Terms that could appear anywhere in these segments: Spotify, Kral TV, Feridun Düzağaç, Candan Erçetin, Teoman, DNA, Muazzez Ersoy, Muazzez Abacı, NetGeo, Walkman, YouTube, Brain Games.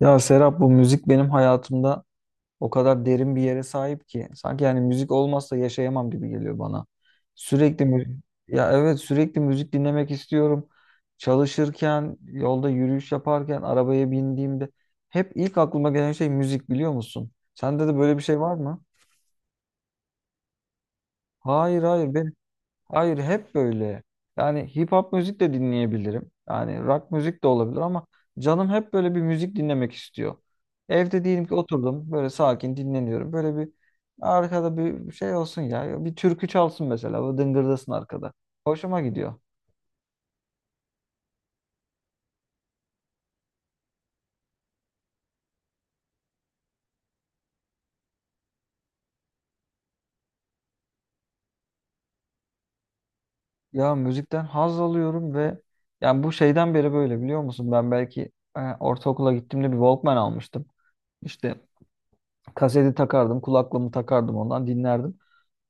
Ya Serap, bu müzik benim hayatımda o kadar derin bir yere sahip ki sanki, yani, müzik olmazsa yaşayamam gibi geliyor bana. Sürekli müzik, ya evet, sürekli müzik dinlemek istiyorum. Çalışırken, yolda yürüyüş yaparken, arabaya bindiğimde hep ilk aklıma gelen şey müzik, biliyor musun? Sende de böyle bir şey var mı? Hayır, hayır, hayır, hep böyle. Yani hip hop müzik de dinleyebilirim. Yani rock müzik de olabilir ama canım hep böyle bir müzik dinlemek istiyor. Evde diyelim ki oturdum, böyle sakin dinleniyorum. Böyle bir Arkada bir şey olsun ya. Bir türkü çalsın mesela. Böyle dıngırdasın arkada. Hoşuma gidiyor. Ya, müzikten haz alıyorum ve yani bu şeyden beri böyle, biliyor musun? Ben belki ortaokula gittiğimde bir Walkman almıştım. İşte kaseti takardım, kulaklığımı takardım, ondan dinlerdim.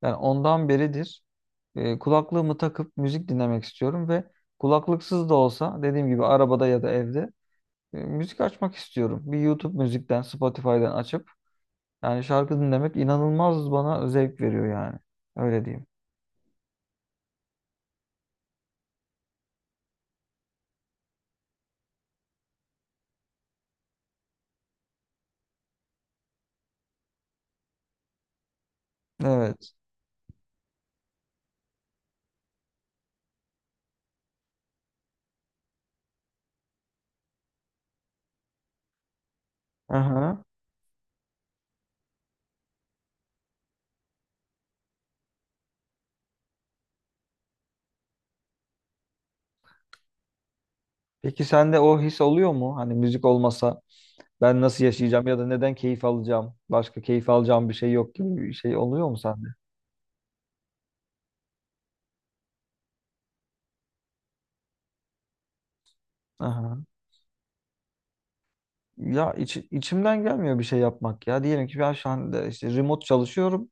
Yani ondan beridir kulaklığımı takıp müzik dinlemek istiyorum ve kulaklıksız da olsa, dediğim gibi, arabada ya da evde müzik açmak istiyorum. Bir YouTube müzikten, Spotify'dan açıp yani şarkı dinlemek inanılmaz bana zevk veriyor yani. Öyle diyeyim. Evet. Aha. Peki sende o his oluyor mu? Hani müzik olmasa ben nasıl yaşayacağım ya da neden keyif alacağım? Başka keyif alacağım bir şey yok gibi bir şey oluyor mu sende? Aha. Ya, içimden gelmiyor bir şey yapmak ya. Diyelim ki ben şu anda işte remote çalışıyorum.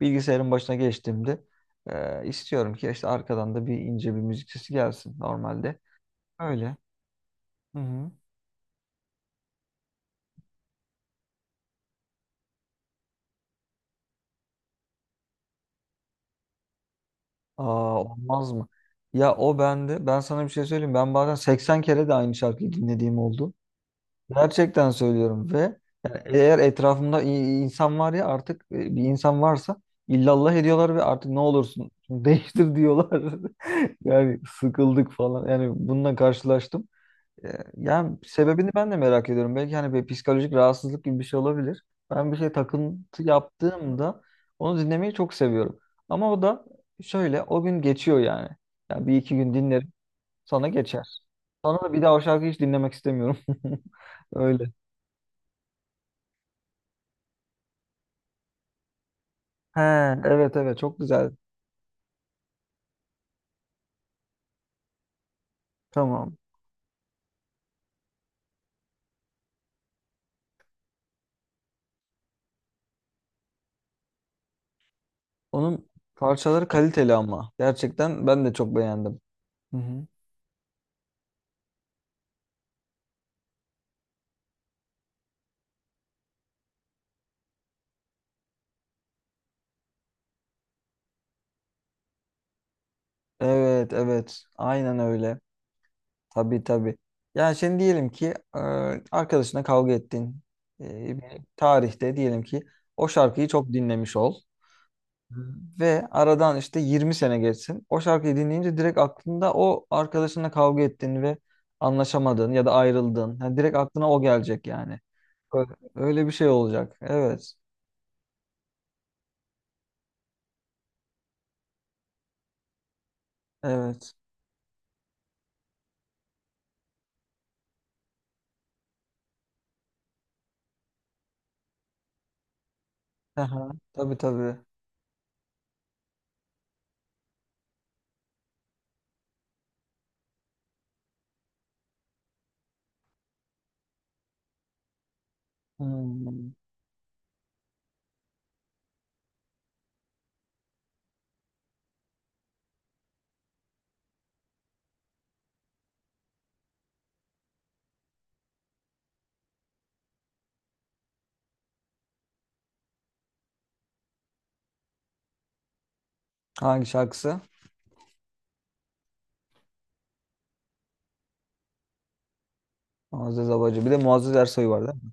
Bilgisayarın başına geçtiğimde istiyorum ki işte arkadan da bir ince bir müzik sesi gelsin normalde. Öyle. Hı hı. Aa, olmaz mı? Ya, o bende. Ben sana bir şey söyleyeyim. Ben bazen 80 kere de aynı şarkıyı dinlediğim oldu. Gerçekten söylüyorum ve yani eğer etrafımda insan var ya, artık bir insan varsa illallah ediyorlar ve artık ne olursun değiştir diyorlar. Yani sıkıldık falan. Yani bununla karşılaştım. E, Yani sebebini ben de merak ediyorum. Belki hani bir psikolojik rahatsızlık gibi bir şey olabilir. Ben bir şey takıntı yaptığımda onu dinlemeyi çok seviyorum. Ama o da şöyle, o gün geçiyor yani. Yani bir iki gün dinlerim, sonra geçer. Sonra da bir daha o şarkıyı hiç dinlemek istemiyorum. Öyle. He, evet, evet, çok güzel. Tamam. Onun parçaları kaliteli ama. Gerçekten ben de çok beğendim. Hı hı. Evet, evet. Aynen öyle. Tabii, tabii. Yani şimdi diyelim ki e, arkadaşına kavga ettin. Bir tarihte diyelim ki o şarkıyı çok dinlemiş ol. Hı. Ve aradan işte 20 sene geçsin. O şarkıyı dinleyince direkt aklında o arkadaşına kavga ettin ve anlaşamadın ya da ayrıldın. Yani direkt aklına o gelecek yani. Öyle, öyle bir şey olacak. Evet. Evet. Aha, tabii, tabii. Hmm. Hangi şarkısı? Muazzez Abacı. Bir de Muazzez Ersoy var değil mi?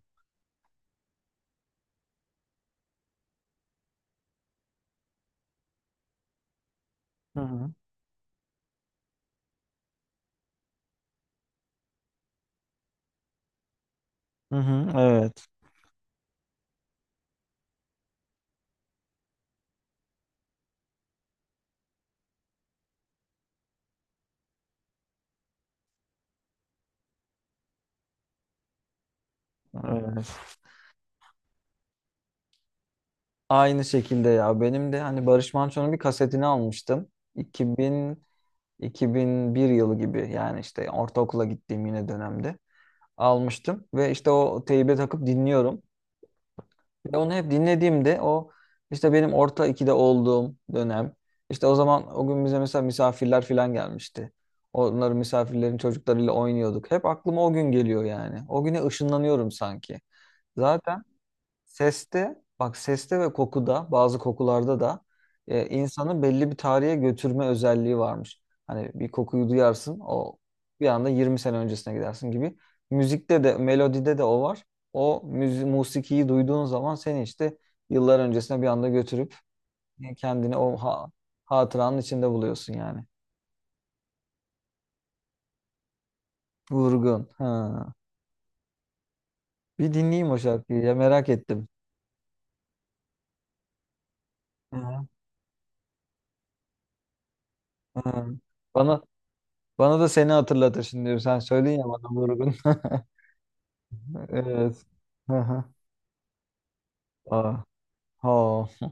Hı hı. Hı hı. Evet. Evet. Aynı şekilde ya. Benim de hani Barış Manço'nun bir kasetini almıştım. 2000 2001 yılı gibi, yani işte ortaokula gittiğim yine dönemde almıştım ve işte o teybe takıp dinliyorum. Ve onu hep dinlediğimde o, işte benim orta ikide olduğum dönem, işte o zaman o gün bize mesela misafirler falan gelmişti. Misafirlerin çocuklarıyla oynuyorduk. Hep aklıma o gün geliyor yani. O güne ışınlanıyorum sanki. Zaten seste, bak seste ve kokuda, bazı kokularda da insanı belli bir tarihe götürme özelliği varmış. Hani bir kokuyu duyarsın, o bir anda 20 sene öncesine gidersin gibi. Müzikte de, melodide de o var. O musikiyi duyduğun zaman seni işte yıllar öncesine bir anda götürüp kendini o hatıranın içinde buluyorsun yani. Vurgun. Ha. Bir dinleyeyim o şarkıyı ya, merak ettim. Hı hı. Hı. Bana bana da seni hatırlatır şimdi. Sen söyleyin ya bana, vurgun. Evet. Aha. Aa, ha.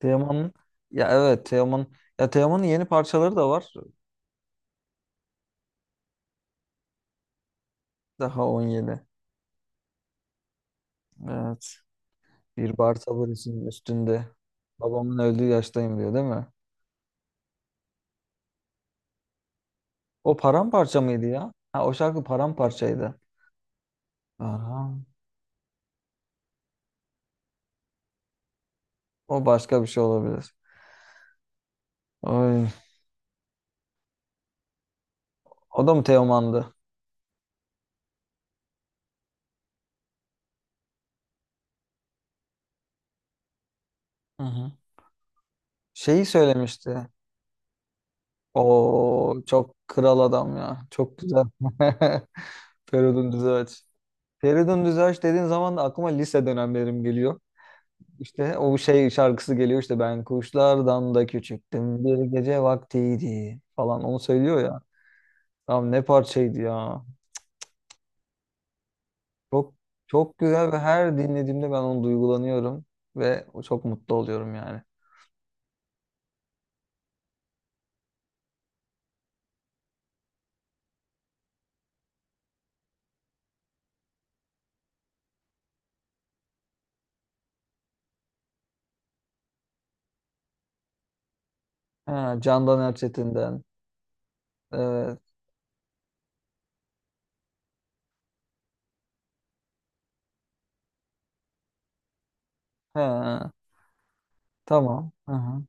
Teoman'ın, ya evet, Teoman, ya Teoman'ın yeni parçaları da var. Daha 17. Evet. Bir bar sabır için üstünde. Babamın öldüğü yaştayım, diyor değil mi? O paramparça mıydı ya? Ha, o şarkı paramparçaydı. Aha. O başka bir şey olabilir. Ay. O da mı Teoman'dı? Hı hı. Şeyi söylemişti. O çok kral adam ya. Çok güzel. Feridun Düzağaç. Feridun Düztaş dediğin zaman da aklıma lise dönemlerim geliyor. İşte o şey şarkısı geliyor, işte ben kuşlardan da küçüktüm, bir gece vaktiydi falan, onu söylüyor ya. Abi, ne parçaydı ya. Çok, çok güzel ve her dinlediğimde ben onu duygulanıyorum ve çok mutlu oluyorum yani. Ha, Candan Erçetin'den. Evet. Ha, tamam. Aha,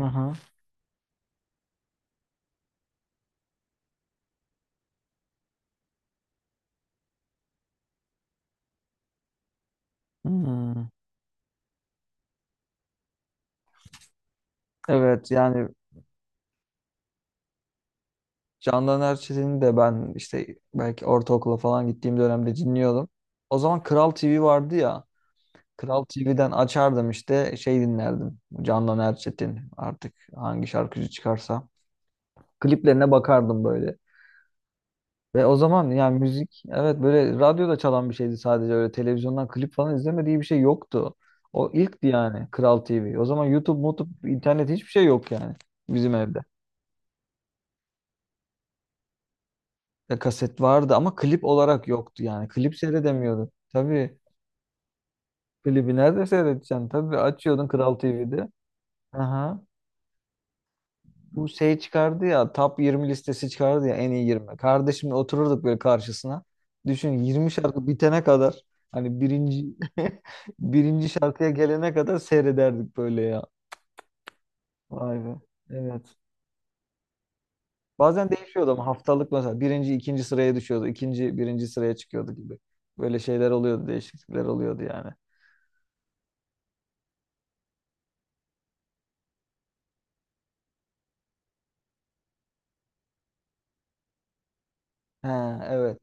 aha. Hmm. Evet yani Candan Erçetin'i de ben işte belki ortaokula falan gittiğim dönemde dinliyordum. O zaman Kral TV vardı ya. Kral TV'den açardım, işte şey dinlerdim. Candan Erçetin, artık hangi şarkıcı çıkarsa. Kliplerine bakardım böyle. Ve o zaman yani müzik evet böyle radyoda çalan bir şeydi sadece, öyle televizyondan klip falan izlemediği bir şey yoktu. O ilkti yani, Kral TV. O zaman YouTube, internet, hiçbir şey yok yani bizim evde. Ya, kaset vardı ama klip olarak yoktu yani. Klip seyredemiyorduk. Tabii. Klibi nerede seyredeceksin? Tabii, açıyordun Kral TV'de. Aha. Bu şey çıkardı ya, top 20 listesi çıkardı ya, en iyi 20. Kardeşimle otururduk böyle karşısına. Düşün, 20 şarkı bitene kadar, hani birinci, birinci şarkıya gelene kadar seyrederdik böyle ya. Vay be. Evet. Bazen değişiyordu ama haftalık mesela birinci, ikinci sıraya düşüyordu, ikinci birinci sıraya çıkıyordu gibi. Böyle şeyler oluyordu, değişiklikler oluyordu yani. Ha, evet.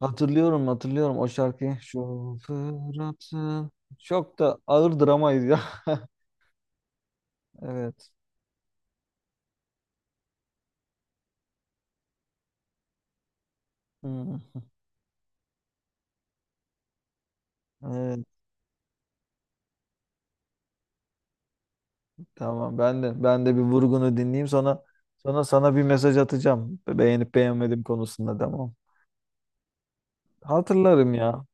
Hatırlıyorum, hatırlıyorum o şarkıyı. Şoför atın. Çok da ağır dramaydı ya. Evet. Hmm. Evet. Tamam, ben de bir vurgunu dinleyeyim, sonra sana bir mesaj atacağım. Beğenip beğenmedim konusunda, tamam. Hatırlarım ya.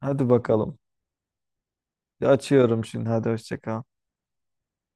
Hadi bakalım. Açıyorum şimdi. Hadi, hoşça kal.